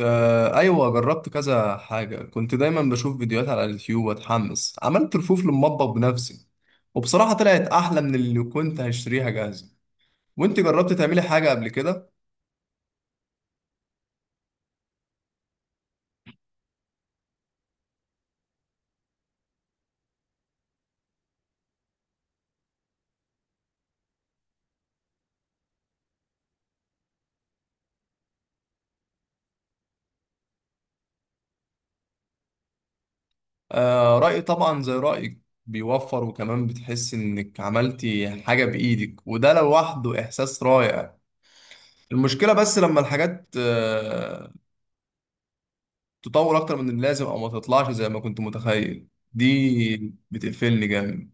ايوه، جربت كذا حاجه. كنت دايما بشوف فيديوهات على اليوتيوب واتحمس. عملت رفوف للمطبخ بنفسي، وبصراحه طلعت احلى من اللي كنت هشتريها جاهزه. وانت جربت تعملي حاجه قبل كده؟ آه، رايي طبعا زي رايك، بيوفر، وكمان بتحس انك عملتي حاجه بايدك وده لوحده احساس رائع. المشكله بس لما الحاجات تطور اكتر من اللازم او ما تطلعش زي ما كنت متخيل، دي بتقفلني جامد.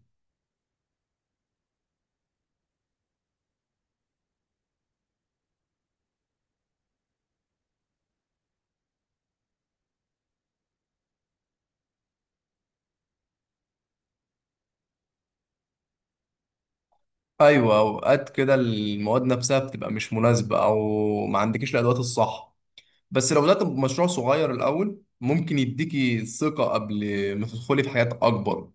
ايوه، اوقات كده المواد نفسها بتبقى مش مناسبه او ما عندكيش الادوات الصح. بس لو بدات بمشروع صغير الاول ممكن يديكي ثقه قبل ما تدخلي في حاجات اكبر.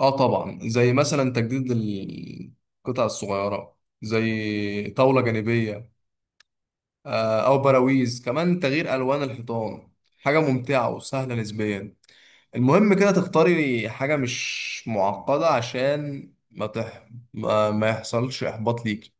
اه طبعا، زي مثلا تجديد القطع الصغيره، زي طاوله جانبيه، او براويز، كمان تغيير الوان الحيطان، حاجه ممتعه وسهله نسبيا. المهم كده تختاري حاجه مش معقده عشان ما يحصلش احباط ليكي.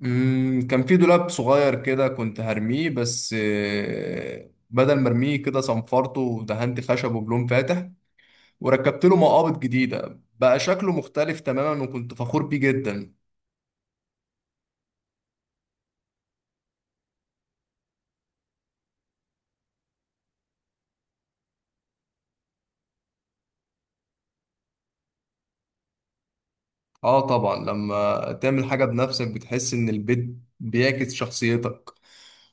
كان في دولاب صغير كده كنت هرميه، بس بدل ما ارميه كده صنفرته ودهنت خشبه بلون فاتح وركبت له مقابض جديدة. بقى شكله مختلف تماما وكنت فخور بيه جدا. اه طبعا، لما تعمل حاجة بنفسك بتحس ان البيت بيعكس شخصيتك،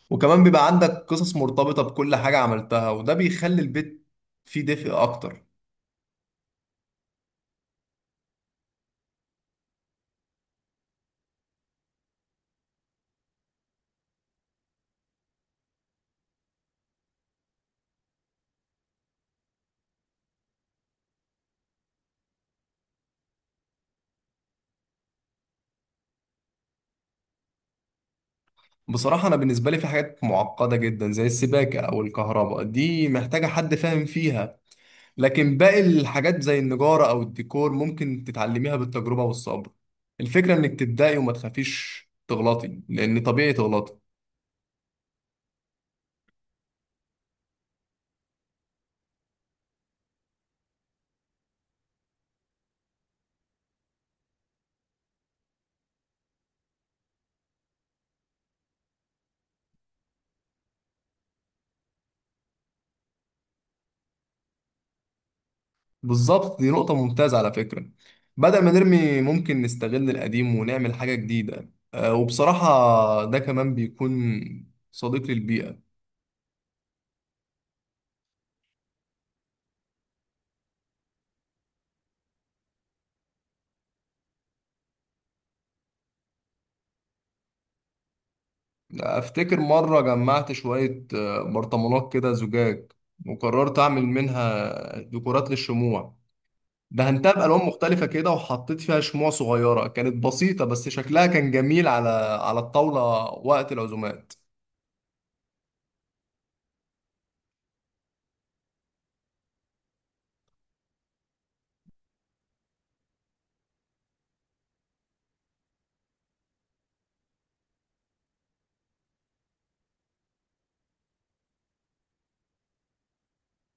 وكمان بيبقى عندك قصص مرتبطة بكل حاجة عملتها، وده بيخلي البيت فيه دفء اكتر. بصراحة أنا بالنسبة لي في حاجات معقدة جدا زي السباكة أو الكهرباء، دي محتاجة حد فاهم فيها، لكن باقي الحاجات زي النجارة أو الديكور ممكن تتعلميها بالتجربة والصبر. الفكرة إنك تبدأي وما تخافيش تغلطي، لأن طبيعي تغلطي. بالظبط، دي نقطة ممتازة على فكرة. بدل ما نرمي ممكن نستغل القديم ونعمل حاجة جديدة، وبصراحة ده كمان بيكون صديق للبيئة. أفتكر مرة جمعت شوية برطمانات كده زجاج، وقررت أعمل منها ديكورات للشموع. دهنتها بألوان مختلفة كده وحطيت فيها شموع صغيرة. كانت بسيطة بس شكلها كان جميل على الطاولة وقت العزومات.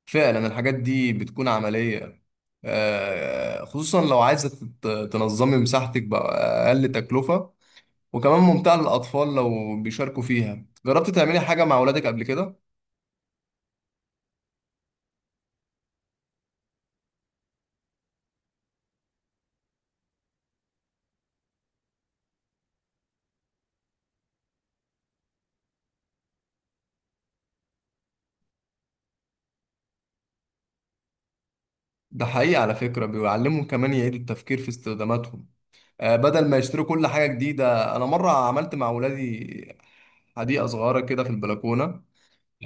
فعلا الحاجات دي بتكون عملية، خصوصا لو عايزة تنظمي مساحتك بأقل تكلفة، وكمان ممتعة للأطفال لو بيشاركوا فيها. جربت تعملي حاجة مع أولادك قبل كده؟ ده حقيقي على فكرة، بيعلمهم كمان يعيدوا التفكير في استخداماتهم، بدل ما يشتروا كل حاجة جديدة. أنا مرة عملت مع أولادي حديقة صغيرة كده في البلكونة.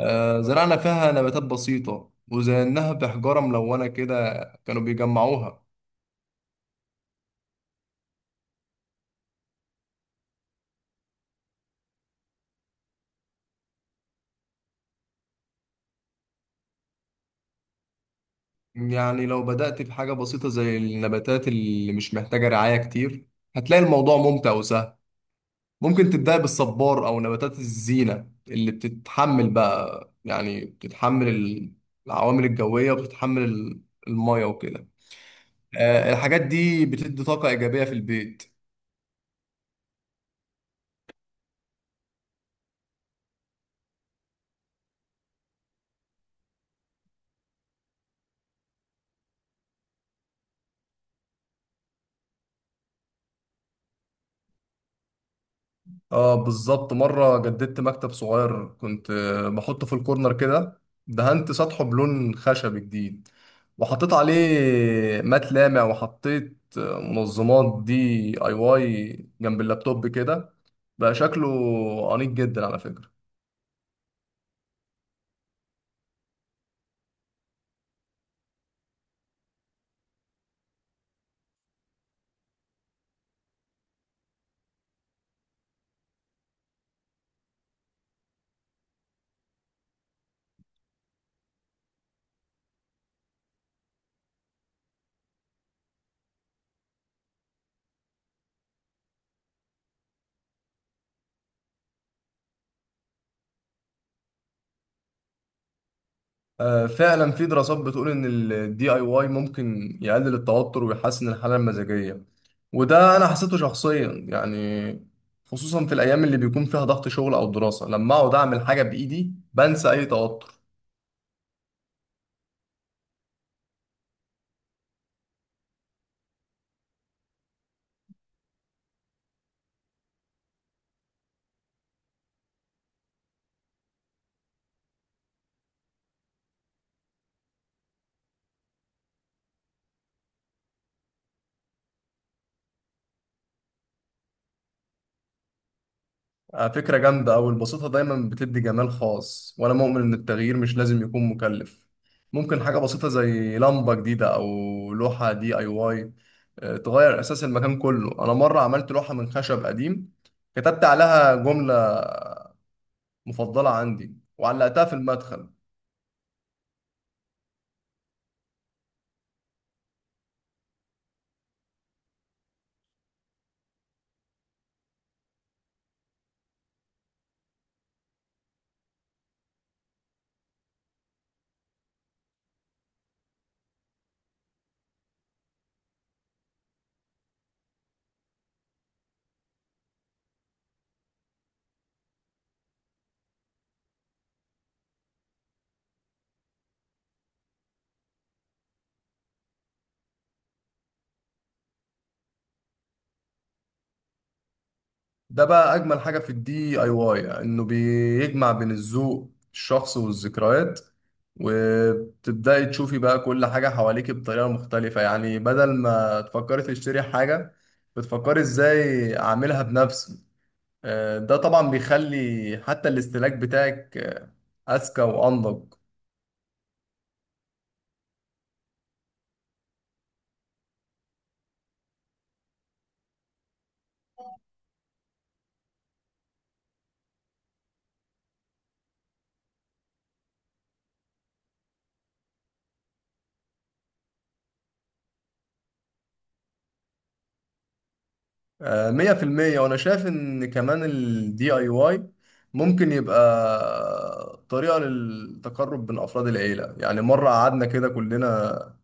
زرعنا فيها نباتات بسيطة وزيناها بحجارة ملونة كده، كانوا بيجمعوها. يعني لو بدأت في حاجة بسيطة زي النباتات اللي مش محتاجة رعاية كتير هتلاقي الموضوع ممتع وسهل. ممكن تبدأ بالصبار أو نباتات الزينة اللي بتتحمل، بقى يعني بتتحمل العوامل الجوية، وبتتحمل المية وكده. الحاجات دي بتدي طاقة إيجابية في البيت. اه بالظبط، مرة جددت مكتب صغير كنت بحطه في الكورنر كده. دهنت سطحه بلون خشبي جديد وحطيت عليه مات لامع، وحطيت منظمات دي اي واي جنب اللابتوب كده. بقى شكله أنيق جدا على فكرة. فعلا في دراسات بتقول ان الدي اي واي ممكن يقلل التوتر ويحسن الحاله المزاجيه، وده انا حسيته شخصيا يعني. خصوصا في الايام اللي بيكون فيها ضغط شغل او دراسه، لما اقعد اعمل حاجه بايدي بنسى اي توتر. فكره جامده، او البساطه دايما بتدي جمال خاص، وانا مؤمن ان التغيير مش لازم يكون مكلف. ممكن حاجه بسيطه زي لمبه جديده او لوحه دي اي واي تغير اساس المكان كله. انا مره عملت لوحه من خشب قديم كتبت عليها جمله مفضلة عندي وعلقتها في المدخل. ده بقى أجمل حاجة في الدي أي واي، إنه بيجمع بين الذوق الشخص والذكريات. وبتبدأي تشوفي بقى كل حاجة حواليك بطريقة مختلفة، يعني بدل ما تفكري تشتري حاجة بتفكري إزاي أعملها بنفسي. ده طبعا بيخلي حتى الاستهلاك بتاعك أذكى وأنضج. 100%. وأنا شايف إن كمان ال DIY ممكن يبقى طريقة للتقرب بين أفراد العيلة، يعني مرة قعدنا كده كلنا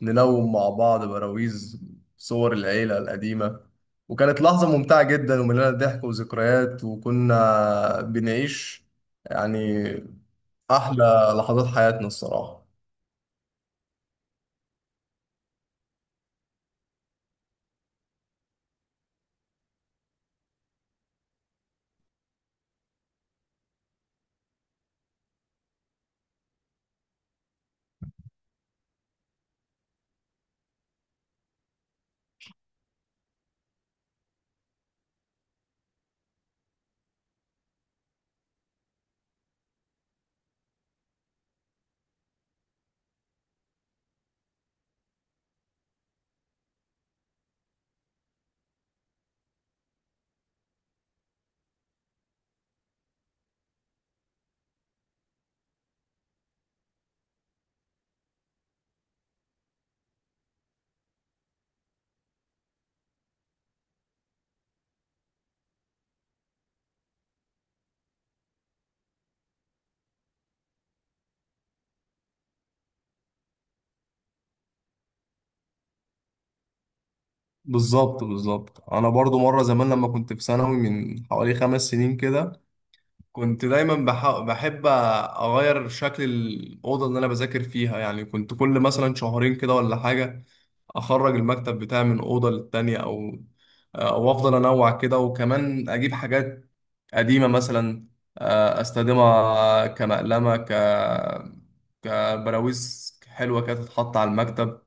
نلون مع بعض براويز صور العيلة القديمة، وكانت لحظة ممتعة جدا ومليانة ضحك وذكريات، وكنا بنعيش يعني أحلى لحظات حياتنا الصراحة. بالظبط بالظبط، انا برضو مره زمان لما كنت في ثانوي من حوالي 5 سنين كده، كنت دايما بحب اغير شكل الاوضه اللي انا بذاكر فيها. يعني كنت كل مثلا شهرين كده ولا حاجه اخرج المكتب بتاعي من اوضه للتانيه، او افضل انوع كده، وكمان اجيب حاجات قديمه مثلا استخدمها كمقلمه، كبراويز حلوه كده تتحط على المكتب.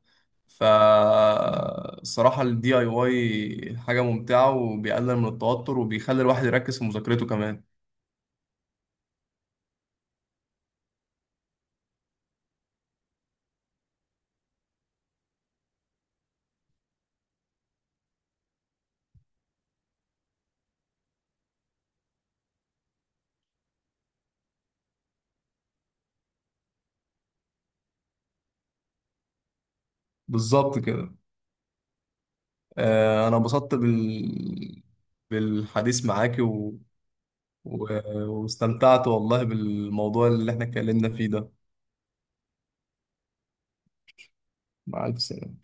فالصراحه الدي اي واي حاجه ممتعه وبيقلل من التوتر وبيخلي الواحد يركز في مذاكرته كمان. بالظبط كده. انا انبسطت بالحديث معاكي و... واستمتعت والله بالموضوع اللي احنا اتكلمنا فيه ده. مع الف سلامة.